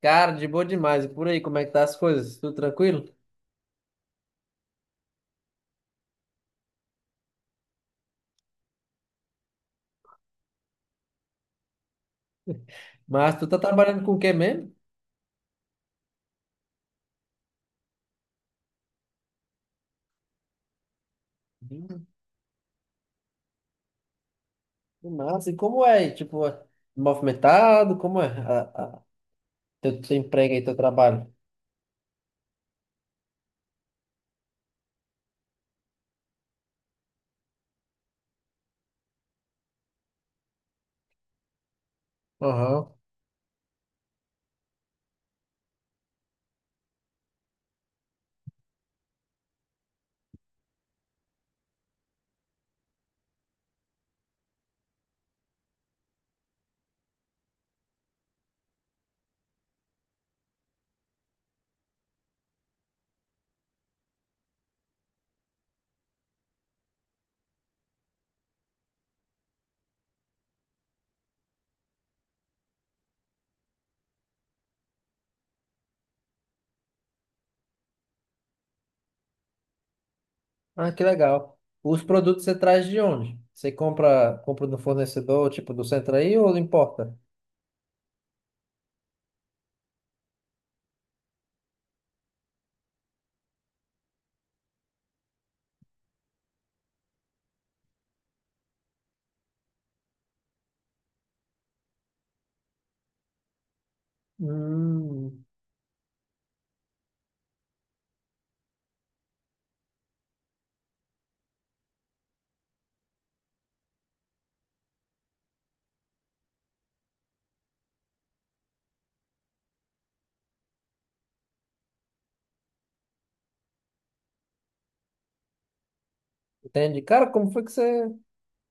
Cara, de boa demais. E por aí, como é que tá as coisas? Tudo tranquilo? Mas tu tá trabalhando com o que mesmo? Hum, que massa. E como é aí? Tipo, é movimentado? Como é a- teu, teu emprego aí, teu trabalho? Aham. Ah, que legal. Os produtos você traz de onde? Você compra do fornecedor, tipo, do centro aí ou importa? Hum, entende? Cara, como foi que você...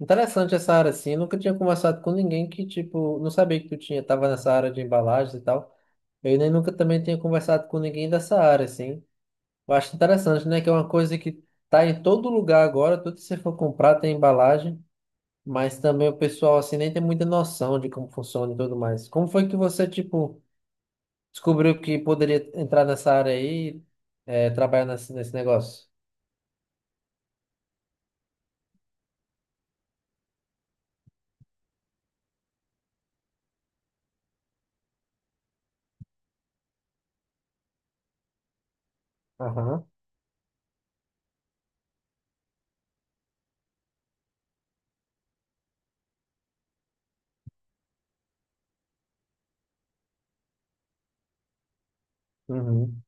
Interessante essa área, assim. Eu nunca tinha conversado com ninguém que, tipo, não sabia que tu tinha, tava nessa área de embalagens e tal. Eu nem nunca também tinha conversado com ninguém dessa área, assim. Eu acho interessante, né? Que é uma coisa que tá em todo lugar agora, tudo que você for comprar tem embalagem, mas também o pessoal, assim, nem tem muita noção de como funciona e tudo mais. Como foi que você, tipo, descobriu que poderia entrar nessa área aí, é, trabalhar nesse negócio? Aham. Uhum.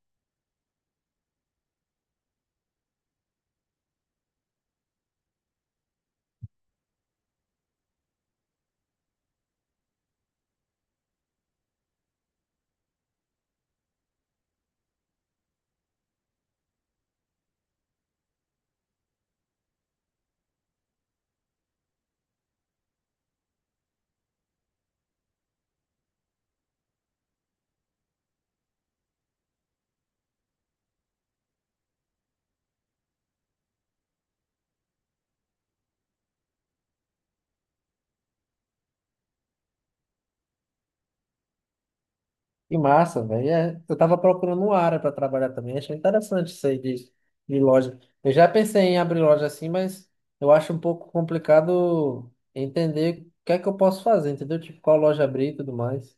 Que massa, velho. É, eu tava procurando uma área para trabalhar também. Achei interessante isso aí de loja. Eu já pensei em abrir loja assim, mas eu acho um pouco complicado entender o que é que eu posso fazer, entendeu? Tipo, qual loja abrir e tudo mais.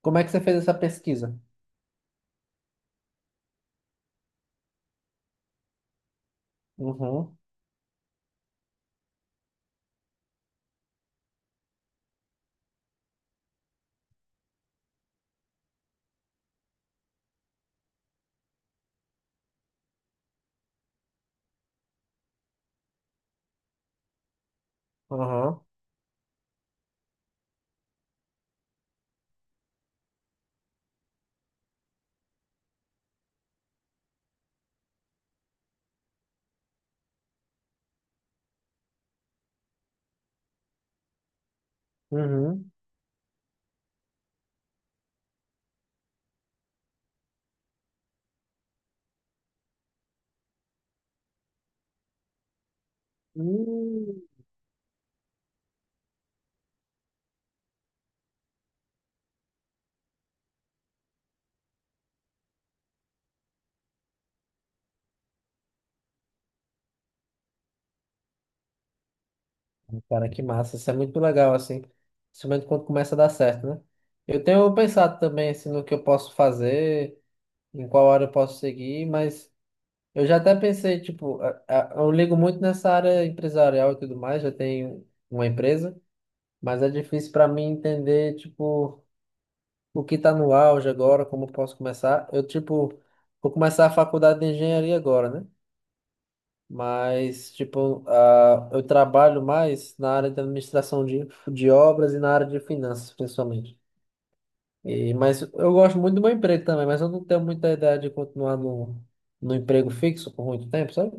Como é que você fez essa pesquisa? Uhum. Aham. Uhum. Hum. Cara, que massa. Isso é muito legal, assim. Principalmente quando começa a dar certo, né? Eu tenho pensado também, assim, no que eu posso fazer, em qual área eu posso seguir, mas... Eu já até pensei, tipo, eu ligo muito nessa área empresarial e tudo mais, já tenho uma empresa, mas é difícil para mim entender, tipo, o que tá no auge agora, como eu posso começar. Eu, tipo, vou começar a faculdade de engenharia agora, né? Mas, tipo, ah, eu trabalho mais na área de administração de obras e na área de finanças, principalmente. E, mas eu gosto muito do meu emprego também, mas eu não tenho muita ideia de continuar no, no emprego fixo por muito tempo, sabe?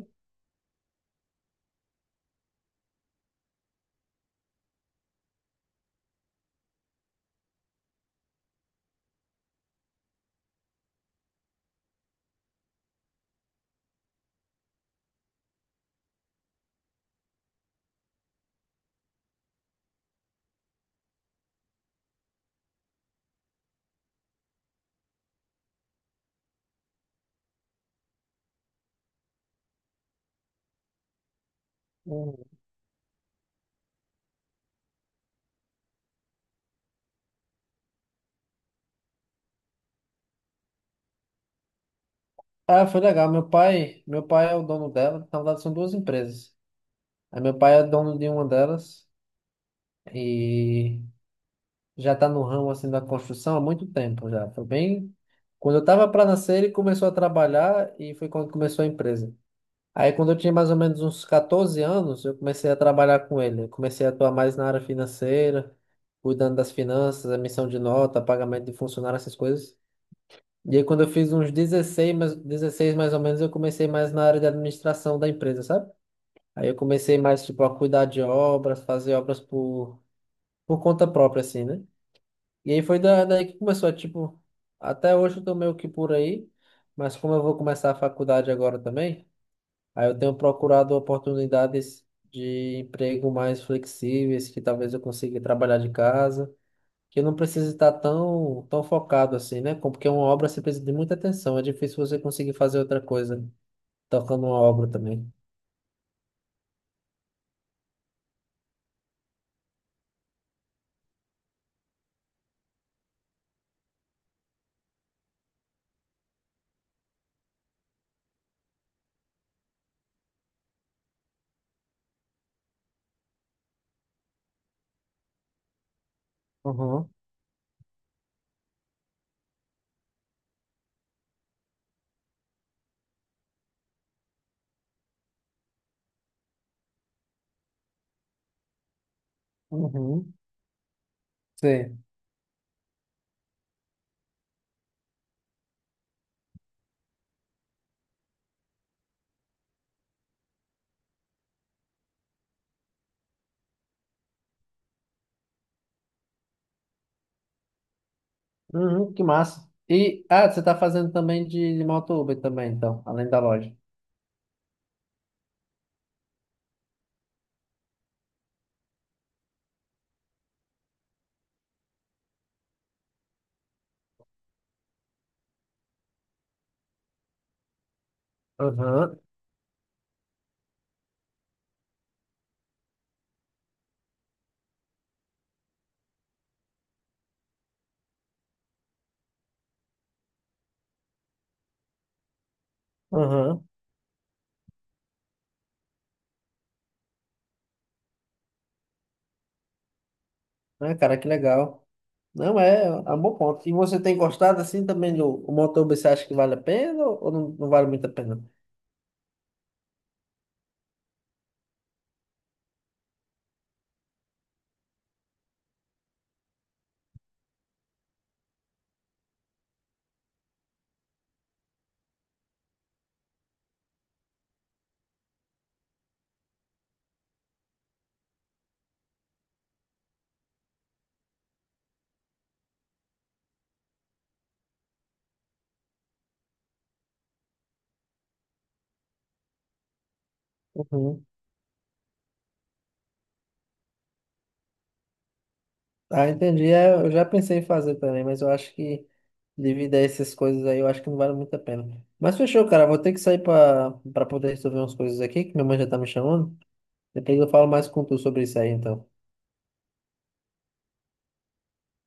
Ah, foi legal. Meu pai é o dono dela. Na verdade, são duas empresas. Aí meu pai é dono de uma delas e já está no ramo assim da construção há muito tempo já. Foi bem quando eu estava para nascer, ele começou a trabalhar e foi quando começou a empresa. Aí quando eu tinha mais ou menos uns 14 anos, eu comecei a trabalhar com ele. Eu comecei a atuar mais na área financeira, cuidando das finanças, emissão de nota, pagamento de funcionário, essas coisas. E aí, quando eu fiz uns 16 mais ou menos, eu comecei mais na área de administração da empresa, sabe? Aí eu comecei mais, tipo, a cuidar de obras, fazer obras por conta própria, assim, né? E aí foi daí que começou, tipo, até hoje eu tô meio que por aí, mas como eu vou começar a faculdade agora também, aí eu tenho procurado oportunidades de emprego mais flexíveis, que talvez eu consiga trabalhar de casa que não precisa estar tão, tão focado assim, né? Com- Porque uma obra você precisa de muita atenção. É difícil você conseguir fazer outra coisa tocando uma obra também. Uhum. Uhum. Sei. Uhum, que massa. E, ah, você está fazendo também de moto Uber também, então, além da loja. Uhum. Uhum. Ah, cara, que legal. Não, é, é um bom ponto. E você tem gostado assim também do o motor, você acha que vale a pena ou não, não vale muito a pena? Uhum. Ah, entendi. É, eu já pensei em fazer também, mas eu acho que devido a essas coisas aí, eu acho que não vale muito a pena. Mas fechou, cara. Vou ter que sair para poder resolver umas coisas aqui, que minha mãe já tá me chamando. Depois eu falo mais com tu sobre isso aí, então.